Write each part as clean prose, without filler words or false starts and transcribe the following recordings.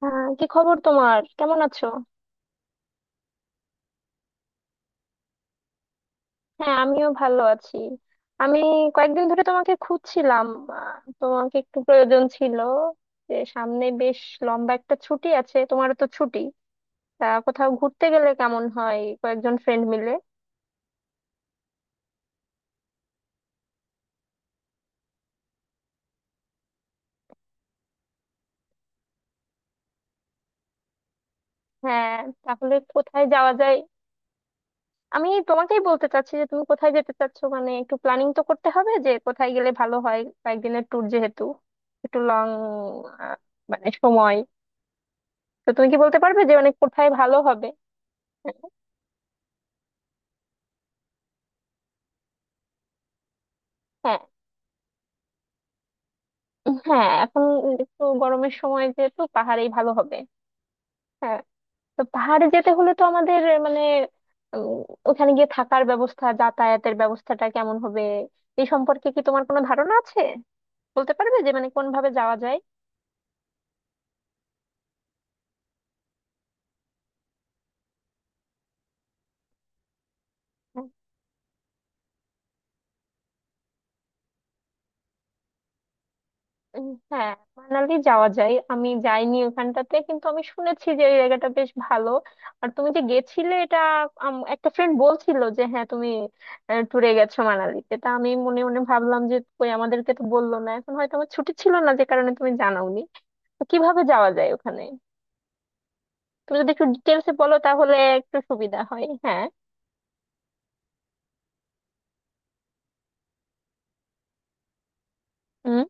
হ্যাঁ, কি খবর তোমার? কেমন আছো? হ্যাঁ, আমিও ভালো আছি। আমি কয়েকদিন ধরে তোমাকে খুঁজছিলাম। আহ, তোমাকে একটু প্রয়োজন ছিল যে সামনে বেশ লম্বা একটা ছুটি আছে, তোমারও তো ছুটি। তা কোথাও ঘুরতে গেলে কেমন হয়, কয়েকজন ফ্রেন্ড মিলে? হ্যাঁ, তাহলে কোথায় যাওয়া যায়? আমি তোমাকেই বলতে চাচ্ছি যে তুমি কোথায় যেতে চাচ্ছো, মানে একটু প্ল্যানিং তো করতে হবে যে কোথায় গেলে ভালো হয়, কয়েকদিনের ট্যুর যেহেতু, একটু লং মানে সময়। তো তুমি কি বলতে পারবে যে মানে কোথায় ভালো হবে? হ্যাঁ, হ্যাঁ, এখন একটু গরমের সময় যেহেতু, পাহাড়েই ভালো হবে। হ্যাঁ, তো পাহাড়ে যেতে হলে তো আমাদের মানে, উম, ওখানে গিয়ে থাকার ব্যবস্থা, যাতায়াতের ব্যবস্থাটা কেমন হবে, এই সম্পর্কে কি তোমার কোনো ধারণা আছে? বলতে পারবে যে মানে কোন ভাবে যাওয়া যায়? হ্যাঁ, মানালি যাওয়া যায়। আমি যাইনি ওখানটাতে, কিন্তু আমি শুনেছি যে এই জায়গাটা বেশ ভালো। আর তুমি যে গেছিলে এটা, একটা ফ্রেন্ড বলছিল যে হ্যাঁ তুমি ট্যুরে গেছো মানালিতে। তা আমি মনে মনে ভাবলাম যে কই আমাদেরকে তো বললো না, এখন হয়তো আমার ছুটি ছিল না যে কারণে তুমি জানাওনি। তো কিভাবে যাওয়া যায় ওখানে? তুমি যদি একটু ডিটেলসে বলো তাহলে একটু সুবিধা হয়। হ্যাঁ। হুম।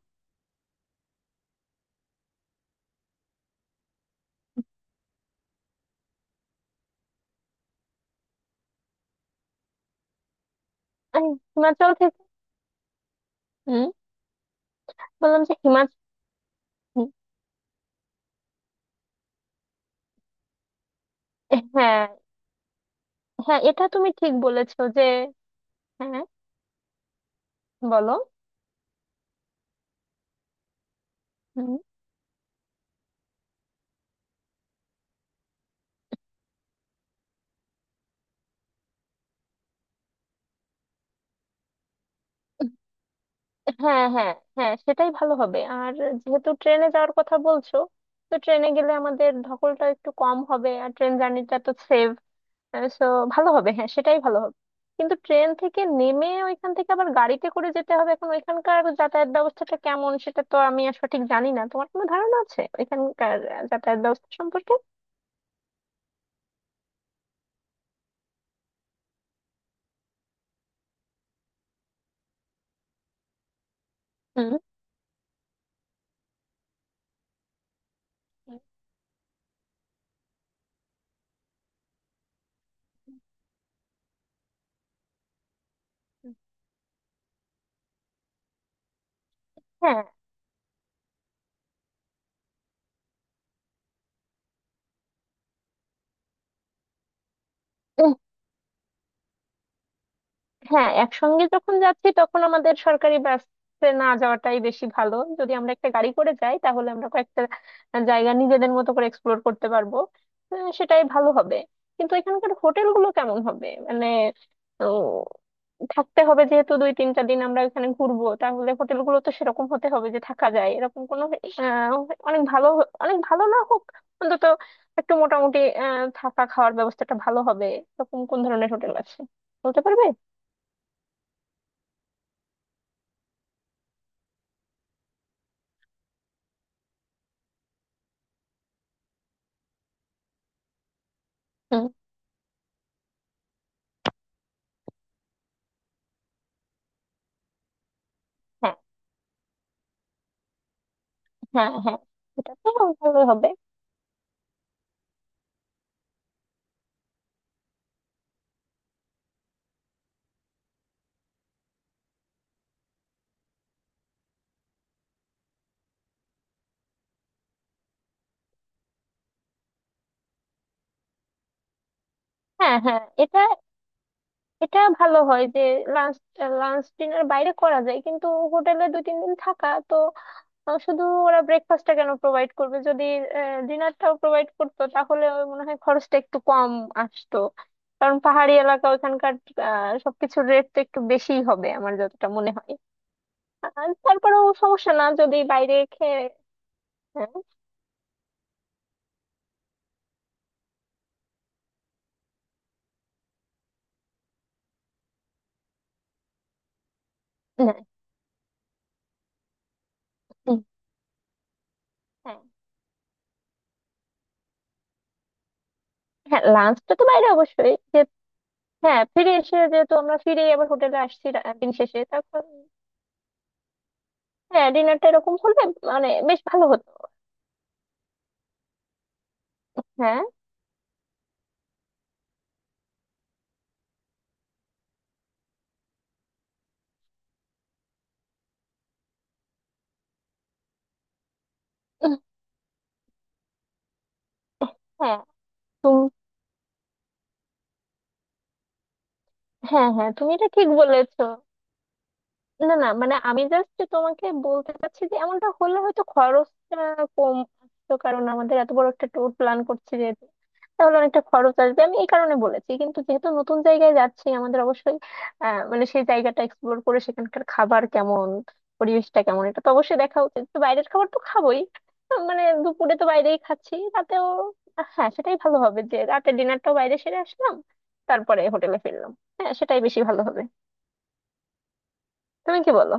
আহ, হিমাচল থেকে? হুম, বললাম যে হিমাচল। হ্যাঁ, হ্যাঁ, এটা তুমি ঠিক বলেছো যে। হ্যাঁ, বলো। হ্যাঁ, হ্যাঁ। হ্যাঁ, সেটাই ভালো হবে। আর যেহেতু ট্রেনে যাওয়ার কথা বলছো, তো ট্রেনে গেলে আমাদের ধকলটা একটু কম হবে আর ট্রেন জার্নিটা তো সেভ, সো ভালো হবে। হ্যাঁ, সেটাই ভালো হবে। কিন্তু ট্রেন থেকে নেমে ওইখান থেকে আবার গাড়িতে করে যেতে হবে। এখন ওইখানকার যাতায়াত ব্যবস্থাটা কেমন সেটা তো আমি আর সঠিক জানি না। তোমার কোনো ধারণা আছে ওইখানকার যাতায়াত ব্যবস্থা সম্পর্কে? হুম। হ্যাঁ, হ্যাঁ, একসঙ্গে যখন যাচ্ছি তখন আমাদের সরকারি বাসে না যাওয়াটাই বেশি ভালো। যদি আমরা একটা গাড়ি করে যাই তাহলে আমরা কয়েকটা জায়গা নিজেদের মতো করে এক্সপ্লোর করতে পারবো। সেটাই ভালো হবে। কিন্তু এখানকার হোটেলগুলো কেমন হবে মানে, উম, থাকতে হবে যেহেতু দুই তিনটা দিন আমরা এখানে ঘুরবো, তাহলে হোটেলগুলো তো সেরকম হতে হবে যে থাকা যায়। এরকম কোনো আহ, অনেক ভালো অনেক ভালো না হোক, অন্তত একটু মোটামুটি থাকা খাওয়ার ব্যবস্থাটা ভালো হবে, এরকম কোন ধরনের হোটেল আছে? বলতে পারবে? হ্যাঁ, হ্যাঁ। হ্যাঁ, এটা তো ভালো হবে। হ্যাঁ, হ্যাঁ। এটা এটা ভালো হয় যে লাঞ্চ লাঞ্চ ডিনার বাইরে করা যায়, কিন্তু হোটেলে দুই তিন দিন থাকা তো, শুধু ওরা ব্রেকফাস্টটা কেন প্রোভাইড করবে? যদি ডিনারটাও প্রোভাইড করতো তাহলে ওই মনে হয় খরচটা একটু কম আসতো। কারণ পাহাড়ি এলাকা ওখানকার সবকিছুর রেট তো একটু বেশিই হবে আমার যতটা মনে হয়। আর তারপরেও সমস্যা না যদি বাইরে খেয়ে, হ্যাঁ। হ্যাঁ, হ্যাঁ, হ্যাঁ, লাঞ্চটা তো বাইরে অবশ্যই। হ্যাঁ, ফিরে এসে যেহেতু আমরা ফিরেই আবার হোটেলে আসছি, রা- দিন শেষে তখন হ্যাঁ, ডিনারটা এরকম হলে মানে বেশ ভালো হতো। হ্যাঁ, উম, হ্যাঁ। তুমি, হ্যাঁ, হ্যাঁ, তুমি এটা ঠিক বলেছো। না, না, মানে আমি জাস্ট তোমাকে বলতে চাচ্ছি যে এমনটা হলে হয়তো খরচটা কম আসতো, কারণ আমাদের এত বড় একটা ট্যুর প্ল্যান করছি যেহেতু, তাহলে অনেকটা খরচ আসবে আমি এই কারণে বলেছি। কিন্তু যেহেতু নতুন জায়গায় যাচ্ছি আমাদের অবশ্যই আহ, মানে সেই জায়গাটা এক্সপ্লোর করে সেখানকার খাবার কেমন, পরিবেশটা কেমন, এটা তো অবশ্যই দেখা উচিত। তো বাইরের খাবার তো খাবোই, মানে দুপুরে তো বাইরেই খাচ্ছি, রাতেও হ্যাঁ, সেটাই ভালো হবে যে রাতে ডিনারটাও বাইরে সেরে আসলাম তারপরে হোটেলে ফিরলাম। হ্যাঁ, সেটাই বেশি ভালো হবে। তুমি কি বলো?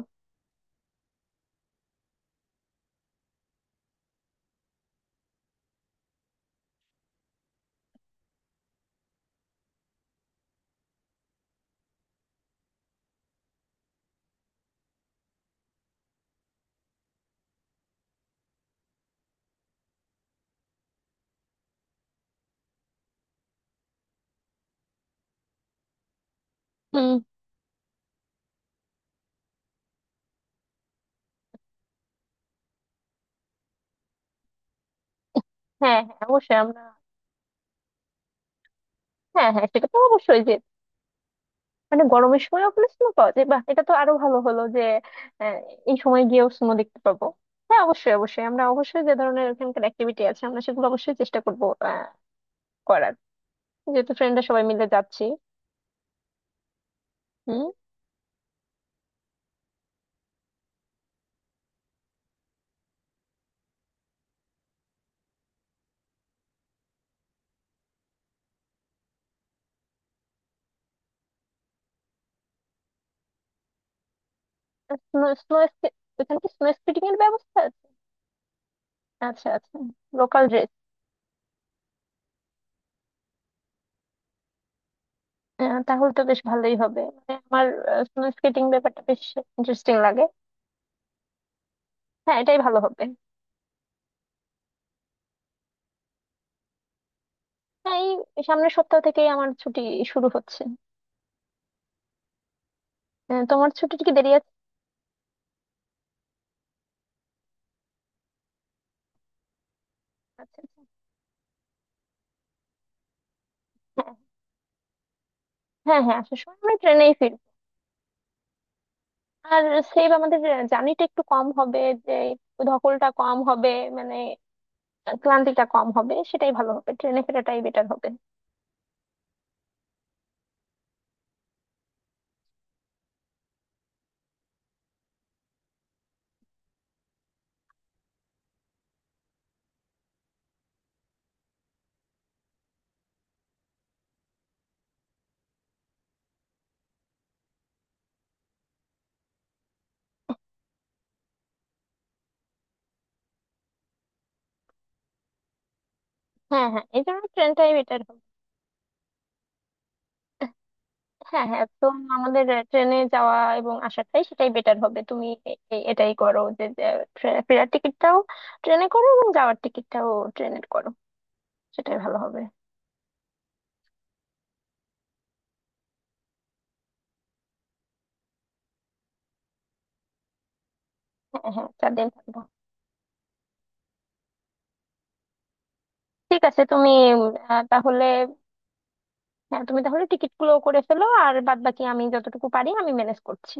হ্যাঁ, হ্যাঁ, অবশ্যই আমরা। হ্যাঁ, হ্যাঁ, সেটা তো অবশ্যই যে মানে গরমের সময়ও আপনি স্নো পাওয়া যায়? বাহ, এটা তো আরো ভালো হলো যে আহ, এই সময় গিয়েও স্নো দেখতে পাবো। হ্যাঁ, অবশ্যই অবশ্যই আমরা অবশ্যই যে ধরনের এখানকার অ্যাক্টিভিটি আছে আমরা সেগুলো অবশ্যই চেষ্টা করবো করার, যেহেতু ফ্রেন্ডরা সবাই মিলে যাচ্ছি। হুম। স্নো স্নো এখানে কি স্নো স্কেটিং এর ব্যবস্থা আছে? আচ্ছা, আচ্ছা। Local dress? তাহলে তো বেশ ভালোই হবে। মানে আমার স্নো স্কেটিং ব্যাপারটা বেশ ইন্টারেস্টিং লাগে। হ্যাঁ, এটাই ভালো হবে। এই সামনের সপ্তাহ থেকেই আমার ছুটি শুরু হচ্ছে। তোমার ছুটি কি দেরি আছে? আচ্ছা, আচ্ছা। হ্যাঁ, হ্যাঁ, হ্যাঁ, আসার সময় আমরা ট্রেনেই ফিরবো। আর সেভ আমাদের জার্নিটা একটু কম হবে। যে ধকলটা কম হবে, মানে ক্লান্তিটা কম হবে, সেটাই ভালো হবে। ট্রেনে ফেরাটাই বেটার হবে। হ্যাঁ, হ্যাঁ, এই জন্য ট্রেনটাই বেটার হবে। হ্যাঁ, হ্যাঁ, তো আমাদের ট্রেনে যাওয়া এবং আসাটাই, সেটাই বেটার হবে। তুমি এটাই করো, যে যে ফেরার টিকিটটাও ট্রেনে করো এবং যাওয়ার টিকিটটাও ট্রেনের করো, সেটাই ভালো হবে। হ্যাঁ, হ্যাঁ, চার দিন থাকবো। ঠিক আছে। তুমি তাহলে হ্যাঁ, তুমি তাহলে টিকিট গুলো করে ফেলো আর বাদ বাকি আমি যতটুকু পারি আমি ম্যানেজ করছি।